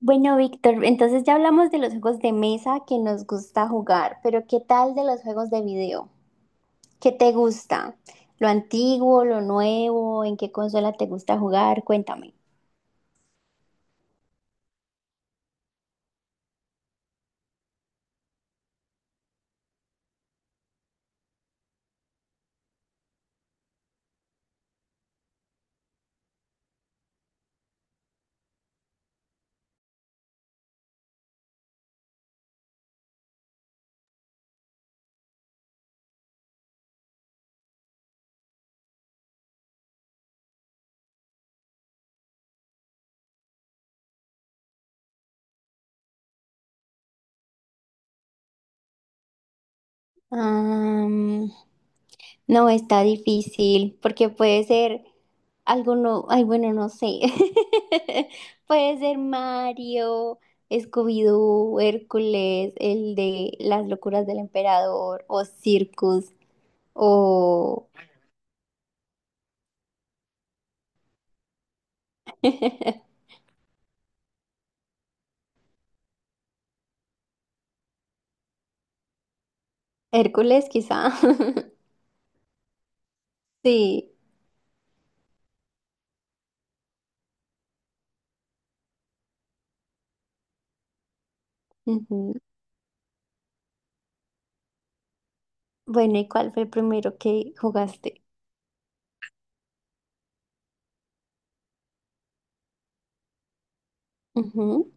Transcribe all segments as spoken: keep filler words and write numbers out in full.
Bueno, Víctor, entonces ya hablamos de los juegos de mesa que nos gusta jugar, pero ¿qué tal de los juegos de video? ¿Qué te gusta? ¿Lo antiguo, lo nuevo? ¿En qué consola te gusta jugar? Cuéntame. Am, no, está difícil porque puede ser alguno, ay, bueno, no sé. Puede ser Mario, Scooby-Doo, Hércules, el de Las locuras del emperador o Circus o... Hércules, quizá. Sí. Ujú. Bueno, ¿y cuál fue el primero que jugaste? Ujú.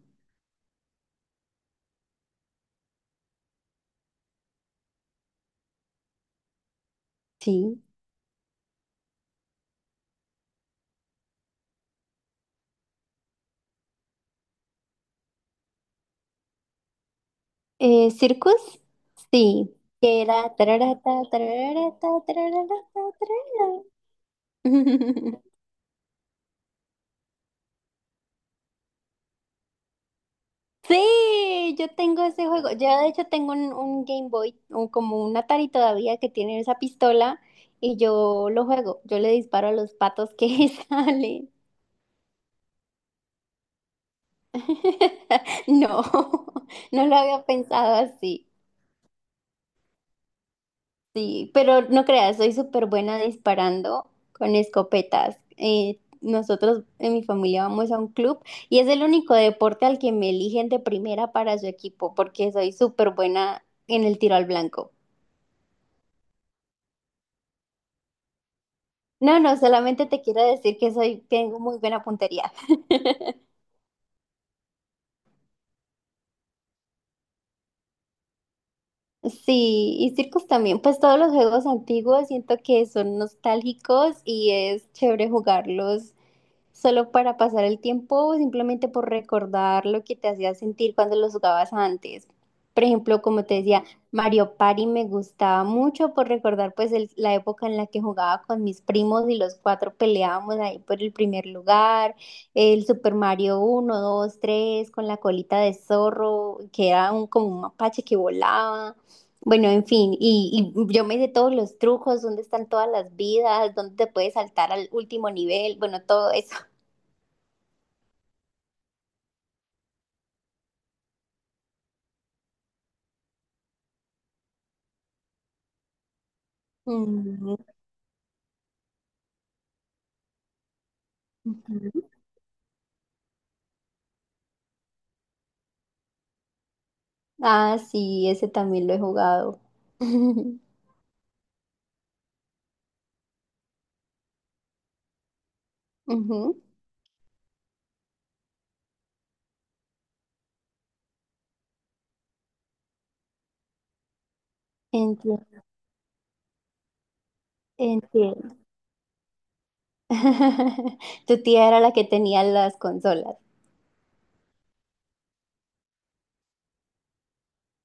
Sí. Eh, ¿Circus? Sí. Que era tararata, tararata, tararata, tarara. Sí, yo tengo ese juego. Yo de hecho tengo un, un Game Boy, o como un Atari todavía que tiene esa pistola y yo lo juego. Yo le disparo a los patos que salen. No, no lo había pensado así. Sí, pero no creas, soy súper buena disparando con escopetas. Eh, nosotros en mi familia vamos a un club y es el único deporte al que me eligen de primera para su equipo porque soy súper buena en el tiro al blanco. No, no, solamente te quiero decir que soy, tengo muy buena puntería. Sí, y circos también, pues todos los juegos antiguos siento que son nostálgicos y es chévere jugarlos. ¿Solo para pasar el tiempo o simplemente por recordar lo que te hacía sentir cuando los jugabas antes? Por ejemplo, como te decía, Mario Party me gustaba mucho por recordar pues el- la época en la que jugaba con mis primos y los cuatro peleábamos ahí por el primer lugar, el Super Mario uno, dos, tres con la colita de zorro, que era un, como un mapache que volaba. Bueno, en fin, y, y yo me sé todos los trucos, dónde están todas las vidas, dónde te puedes saltar al último nivel, bueno, todo eso. Mm. Ujú. Ah, sí, ese también lo he jugado. Ujú. Entiendo, entiendo. Tu tía era la que tenía las consolas.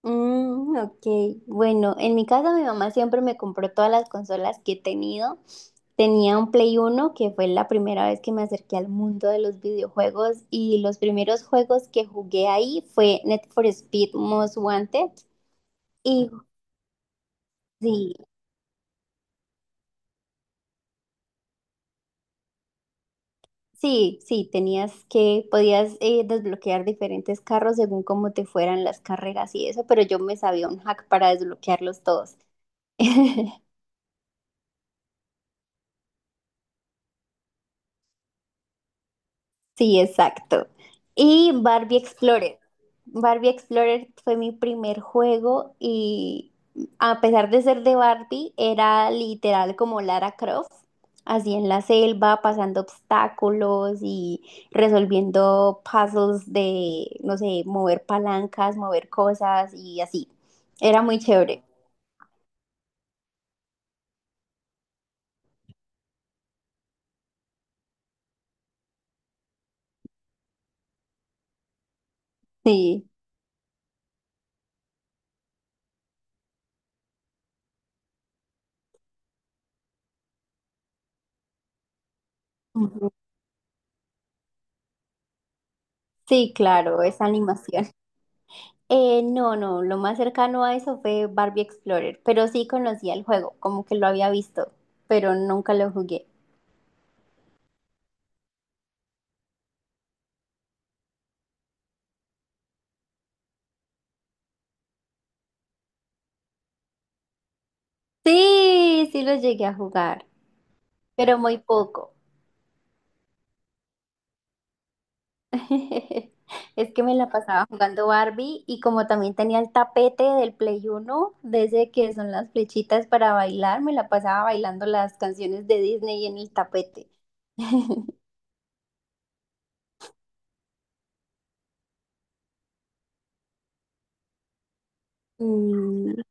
Mm, ok, bueno, en mi casa mi mamá siempre me compró todas las consolas que he tenido. Tenía un Play uno que fue la primera vez que me acerqué al mundo de los videojuegos y los primeros juegos que jugué ahí fue Need for Speed Most Wanted y sí. Sí, sí, tenías que, podías eh, desbloquear diferentes carros según cómo te fueran las carreras y eso, pero yo me sabía un hack para desbloquearlos todos. Sí, exacto. Y Barbie Explorer. Barbie Explorer fue mi primer juego y a pesar de ser de Barbie, era literal como Lara Croft, así en la selva, pasando obstáculos y resolviendo puzzles de, no sé, mover palancas, mover cosas y así. Era muy chévere. Sí. Ujú. Sí, claro, esa animación. Eh, no, no, lo más cercano a eso fue Barbie Explorer, pero sí conocía el juego, como que lo había visto, pero nunca lo jugué. Sí, sí lo llegué a jugar, pero muy poco. Es que me la pasaba jugando Barbie y como también tenía el tapete del Play Uno, desde que son las flechitas para bailar, me la pasaba bailando las canciones de Disney en el tapete. Mm,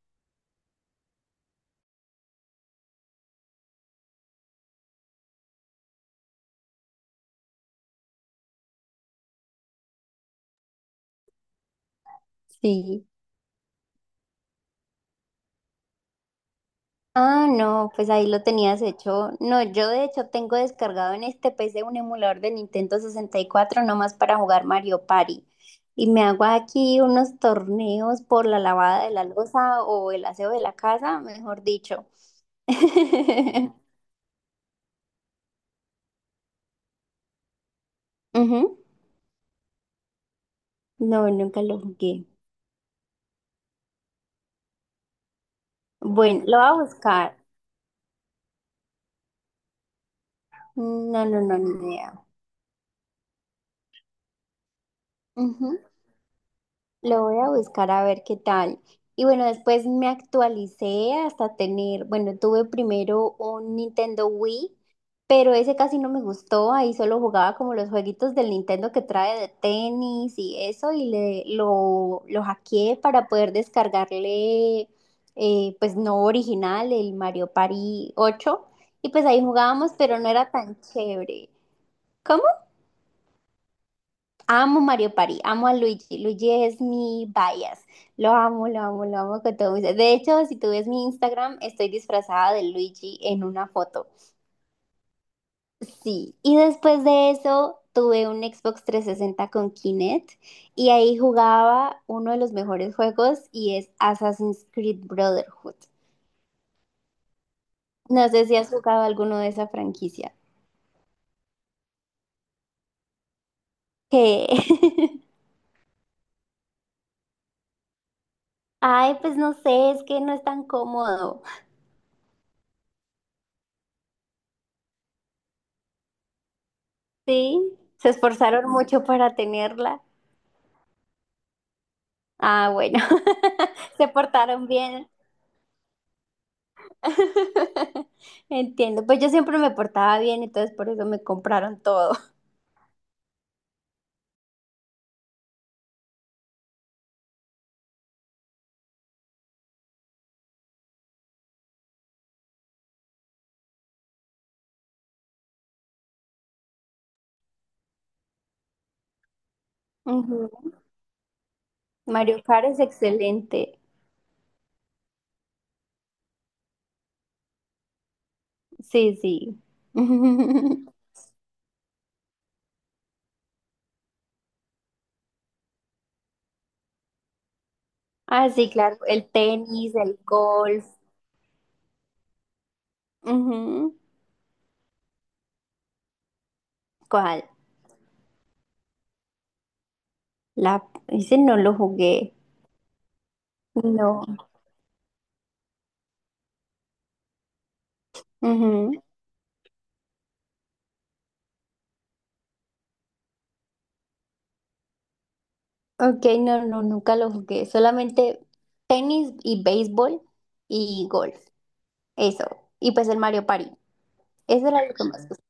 sí. Ah, no, pues ahí lo tenías hecho. No, yo de hecho tengo descargado en este P C un emulador de Nintendo sesenta y cuatro nomás para jugar Mario Party. Y me hago aquí unos torneos por la lavada de la loza o el aseo de la casa, mejor dicho. Ujú. No, nunca lo jugué. Bueno, lo voy a buscar. No, no, no, ni idea. Lo voy a buscar a ver qué tal. Y bueno, después me actualicé hasta tener, bueno, tuve primero un Nintendo Wii, pero ese casi no me gustó. Ahí solo jugaba como los jueguitos del Nintendo que trae de tenis y eso, y le, lo, lo hackeé para poder descargarle, eh, pues no original, el Mario Party ocho. Y pues ahí jugábamos, pero no era tan chévere. Amo Mario Party, amo a Luigi. Luigi es mi bias. Lo amo, lo amo, lo amo con todo mi ser. De hecho, si tú ves mi Instagram, estoy disfrazada de Luigi en una foto. Sí. Y después de eso, tuve un Xbox trescientos sesenta con Kinect y ahí jugaba uno de los mejores juegos y es Assassin's Creed Brotherhood. No sé si has jugado alguno de esa franquicia. ¿Qué? Ay, pues no sé, es que no es tan cómodo. Sí, se esforzaron mucho para tenerla. Ah, bueno, se portaron bien. Entiendo, pues yo siempre me portaba bien, entonces por eso me compraron todo. Ujú. Mario Kart es excelente. Sí, sí. Ah, sí, claro, el tenis, el golf. Ujú. ¿Cuál? La... Ese no lo jugué. No. Ujú. Ok, no, no, nunca lo jugué. Solamente tenis y béisbol y golf. Eso. Y pues el Mario Party. Eso era lo que más gustaba.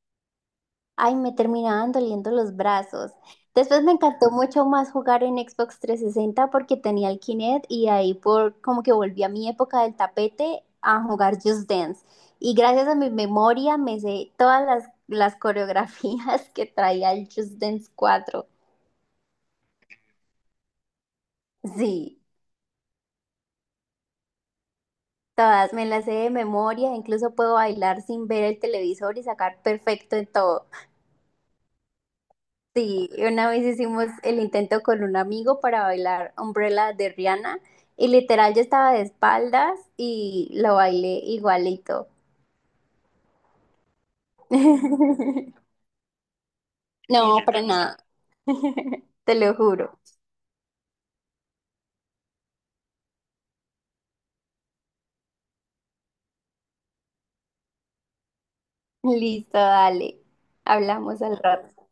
Ay, me terminaban doliendo los brazos. Después me encantó mucho más jugar en Xbox trescientos sesenta porque tenía el Kinect y ahí por como que volví a mi época del tapete a jugar Just Dance. Y gracias a mi memoria me sé todas las, las coreografías que traía el Just Dance cuatro. Sí, todas me las sé de memoria, incluso puedo bailar sin ver el televisor y sacar perfecto en todo. Sí, una vez hicimos el intento con un amigo para bailar Umbrella de Rihanna y literal yo estaba de espaldas y lo bailé igualito. No, para nada, te lo juro. Listo, dale. Hablamos al rato.